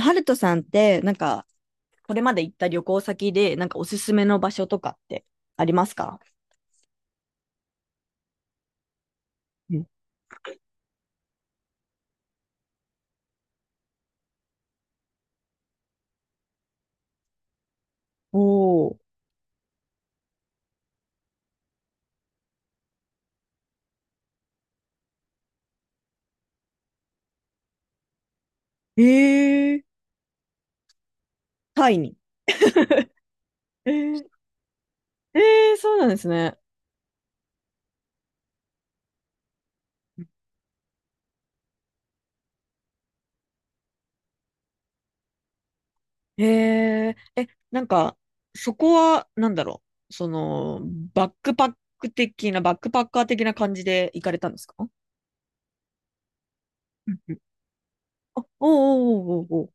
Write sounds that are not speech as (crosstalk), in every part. ハルトさんって、なんか、これまで行った旅行先で、なんかおすすめの場所とかってありますか？うん。おー。えー、タイに。えー、えー、そうなんですね。えー、え、なんか、そこは、なんだろう。その、バックパック的な、バックパッカー的な感じで行かれたんですか？うんうん。あ、おーおーおーおーおー。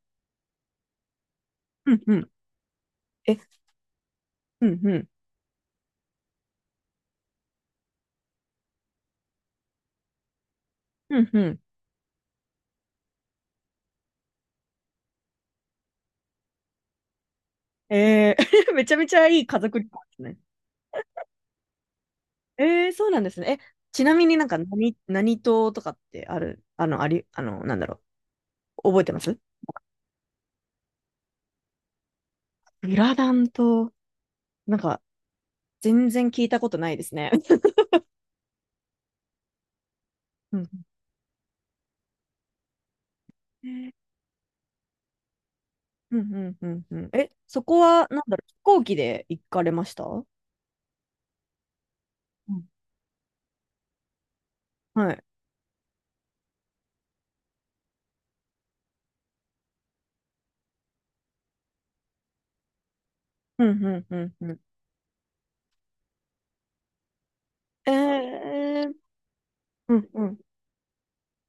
うんうん。え、うんうん。うんうん。えー、(laughs) めちゃめちゃいい家族旅行ですね。えー、そうなんですね。え、ちなみになんか何島とかってある、あの、あり、あの、なんだろう、覚えてます？グラダン島、なんか、全然聞いたことないですね。(laughs) うん、うん、うん、うん。うんうん。え、そこは、なんだろう、飛行機で行かれましたう？んはい。うん、うん、うん、うん。えー、うん、うん。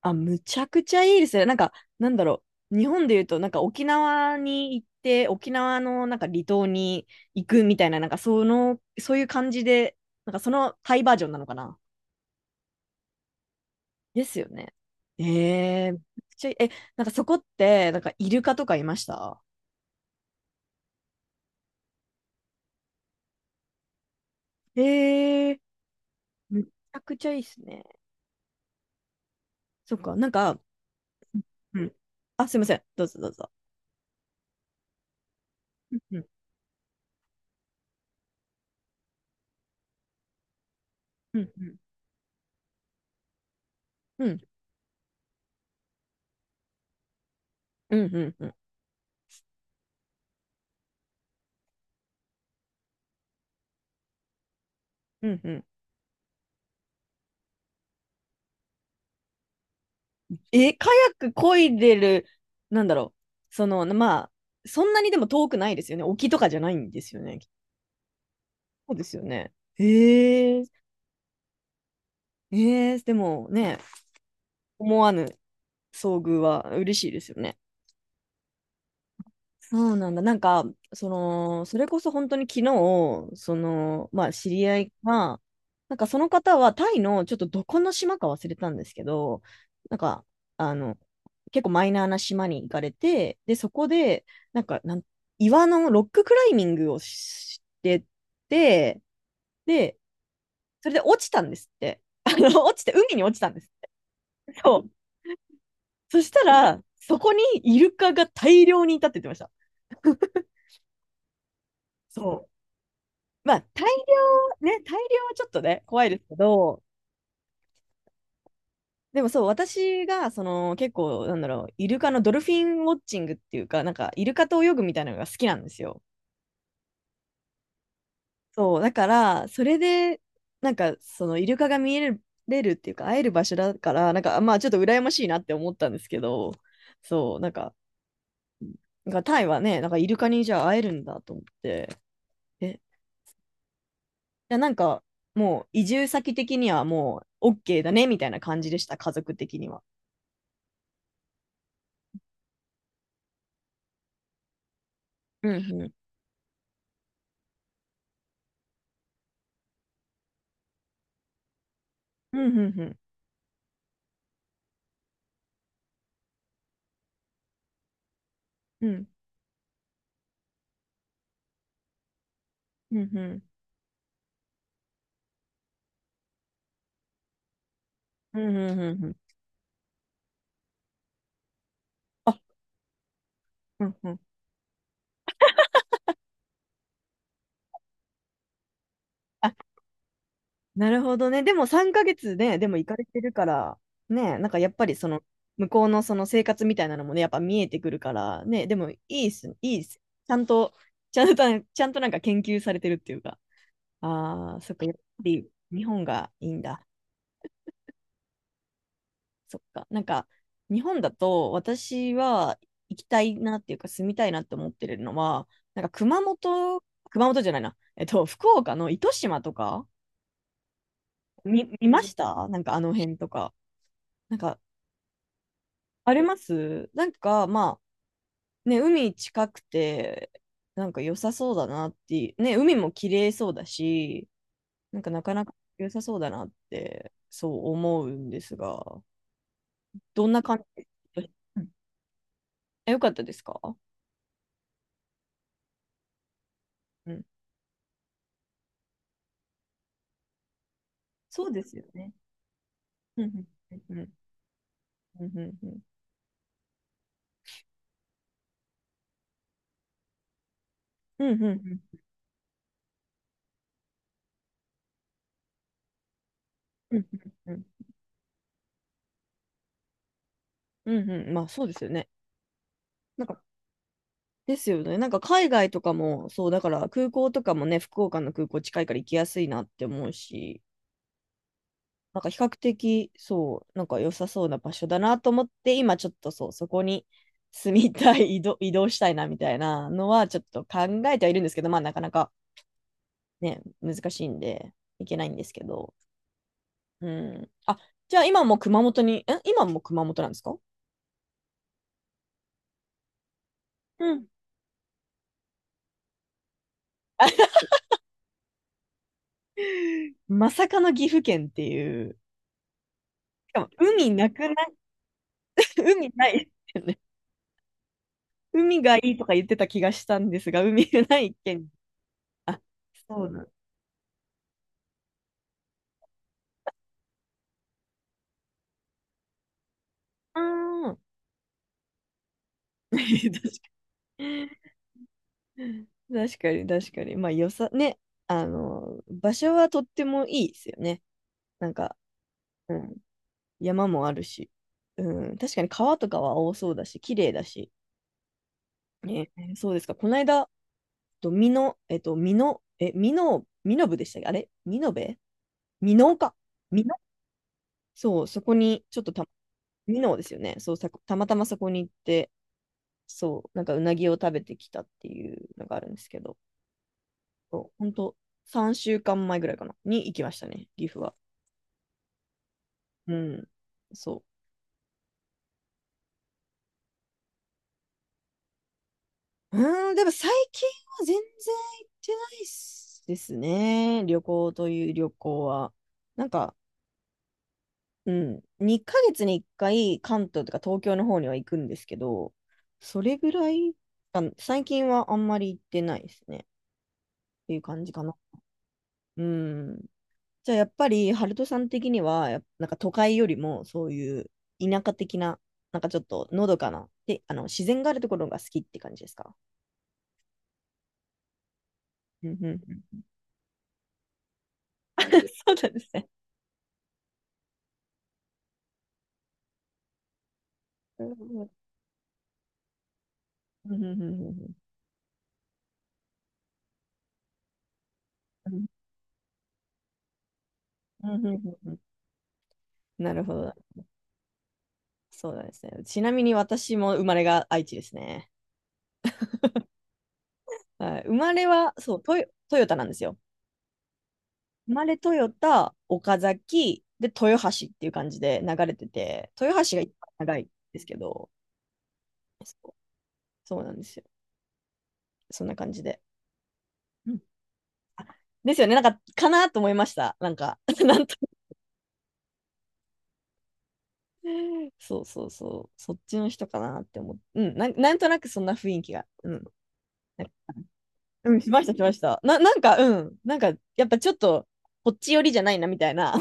あ、むちゃくちゃいいですね。なんか、なんだろう。日本で言うと、なんか沖縄に行って、沖縄のなんか離島に行くみたいな、なんかその、そういう感じで、なんかそのタイバージョンなのかな。ですよね。えー、めちゃくちゃいいえ、なんかそこって、なんかイルカとかいました？えー、むちゃくちゃいいですね。そっか、なんか、うん。あ、すいません。どうぞどうぞ。うんうんうんうんうんうんうんうんうんうん。え、カヤック漕いでる、なんだろう。その、まあ、そんなにでも遠くないですよね。沖とかじゃないんですよね。そうですよね。えー、えー、でもね、思わぬ遭遇は嬉しいですよね。そうなんだ。なんか、その、それこそ本当に昨日、その、まあ、知り合いが、なんかその方はタイのちょっとどこの島か忘れたんですけど、なんか、あの、結構マイナーな島に行かれて、で、そこで、なんか、岩のロッククライミングをしてて、で、それで落ちたんですって。(laughs) あの、落ちて、海に落ちたんです。そう。そしたら、そこにイルカが大量にいたって言ってました。(laughs) そう。まあ、大量、ね、大量はちょっとね、怖いですけど、でもそう、私が、その、結構、なんだろう、イルカのドルフィンウォッチングっていうか、なんか、イルカと泳ぐみたいなのが好きなんですよ。そう、だから、それで、なんか、その、イルカが見える、れるっていうか、会える場所だから、なんか、まあ、ちょっと羨ましいなって思ったんですけど、そう、なんか、なんかタイはね、なんか、イルカにじゃあ会えるんだと思って、え、じゃあなんか、もう、移住先的にはもう、OK だね、みたいな感じでした、家族的には。うんうんうん、うん、うん、うん、うん、うん、うん、うん、うん。あ、うん、うん。あ、なるほどね。でも3ヶ月ね、でも行かれてるから、ね、なんかやっぱりその、向こうのその生活みたいなのもね、やっぱ見えてくるから、ね、でもいいっす、いいっす。ちゃんと、ちゃんと、ちゃんとなんか研究されてるっていうか、ああ、そっか、やっぱり日本がいいんだ。そっか。なんか、日本だと私は行きたいなっていうか住みたいなって思ってるのは、なんか熊本、熊本じゃないな。福岡の糸島とか、見ました。なんかあの辺とか。なんか、ありますなんか、まあ、ね、海近くて、なんか良さそうだなっていう、ね、海も綺麗そうだし、なんかなかなか良さそうだなって、そう思うんですが、どんな感じ、うん。え、よかったですか？うん。そうですよね。うんうんうんうんうんうんうんうんうんうんうんうん。まあそうですよね。なんかですよね。なんか海外とかもそうだから空港とかもね、福岡の空港近いから行きやすいなって思うし、なんか比較的そうなんか良さそうな場所だなと思って、今ちょっと、そう、そこに住みたい、移動したいなみたいなのはちょっと考えてはいるんですけど、まあなかなかね、難しいんで行けないんですけど。うん。あ、じゃあ今も熊本に、え、今も熊本なんですか？うん。まさかの岐阜県っていう、しかも海なくな、(laughs) 海ないですよね。海がいいとか言ってた気がしたんですが、海がない県。あ、そうなん。あー (laughs) 確かに。確かに、確かに。まあ、よさ、ね、あの、場所はとってもいいですよね。なんか、うん、山もあるし、うん、確かに川とかは多そうだし、綺麗だし。ね、そうですか。この間、と、みのえっと、みのえ、みのみの部でしたっけ、あれみのべみのうか。みの、そう、そこに、ちょっとた、みのうですよね。そう、さたまたまそこに行って、そう、なんかうなぎを食べてきたっていうのがあるんですけど、そうほんと、3週間前ぐらいかな、に行きましたね、岐阜は。うん、そう。うーん、でも最近は全然行ってないっすですね、旅行という旅行は。なんか、うん、2ヶ月に1回関東とか東京の方には行くんですけど、それぐらい、あ、最近はあんまり行ってないですね。っていう感じかな。うん。じゃあやっぱり、ハルトさん的には、やっなんか都会よりもそういう田舎的な、なんかちょっとのどかな、で、あの、自然があるところが好きって感じですか？うんうん。(laughs) そうなんですね。うんうんうんうんうんうんうんうんうんうん。なるほど。そうなんですね。ちなみに私も生まれが愛知ですね。はい、生まれは、そう、トヨタなんですよ。生まれトヨタ、岡崎、で、豊橋っていう感じで流れてて、豊橋が一番長いんですけど、そう、そうなんですよ。そんな感じで。うん。あ、ですよね、なんか、かなと思いました。なんか、(laughs) なんと、そうそうそう、そっちの人かなって思って、うん、なんとなくそんな雰囲気が、うん、なんか、うん、しました、しました。なんか、うん、なんか、やっぱちょっと、こっち寄りじゃないな、みたいな。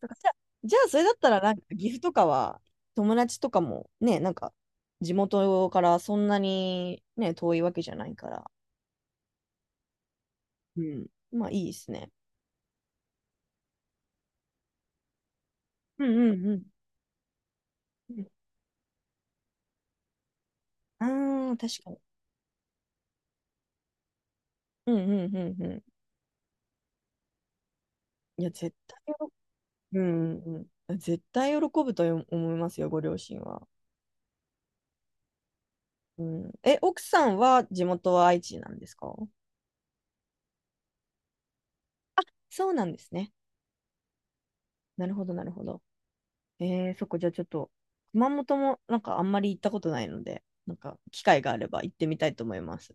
だからじゃあ、じゃあそれだったら、なんか岐阜とかは、友達とかもね、なんか、地元からそんなにね、遠いわけじゃないから、うん、まあいいですね。うんうんうん。うん。ああ、確かに。うんうんうんうん。いや、絶対喜ぶ、うんうんうん。絶対喜ぶと思いますよ、ご両親は。うん、え、奥さんは地元は愛知なんですか？そうなんですね。なるほど、なるほど。えー、そこじゃあちょっと、熊本もなんかあんまり行ったことないので、なんか機会があれば行ってみたいと思います。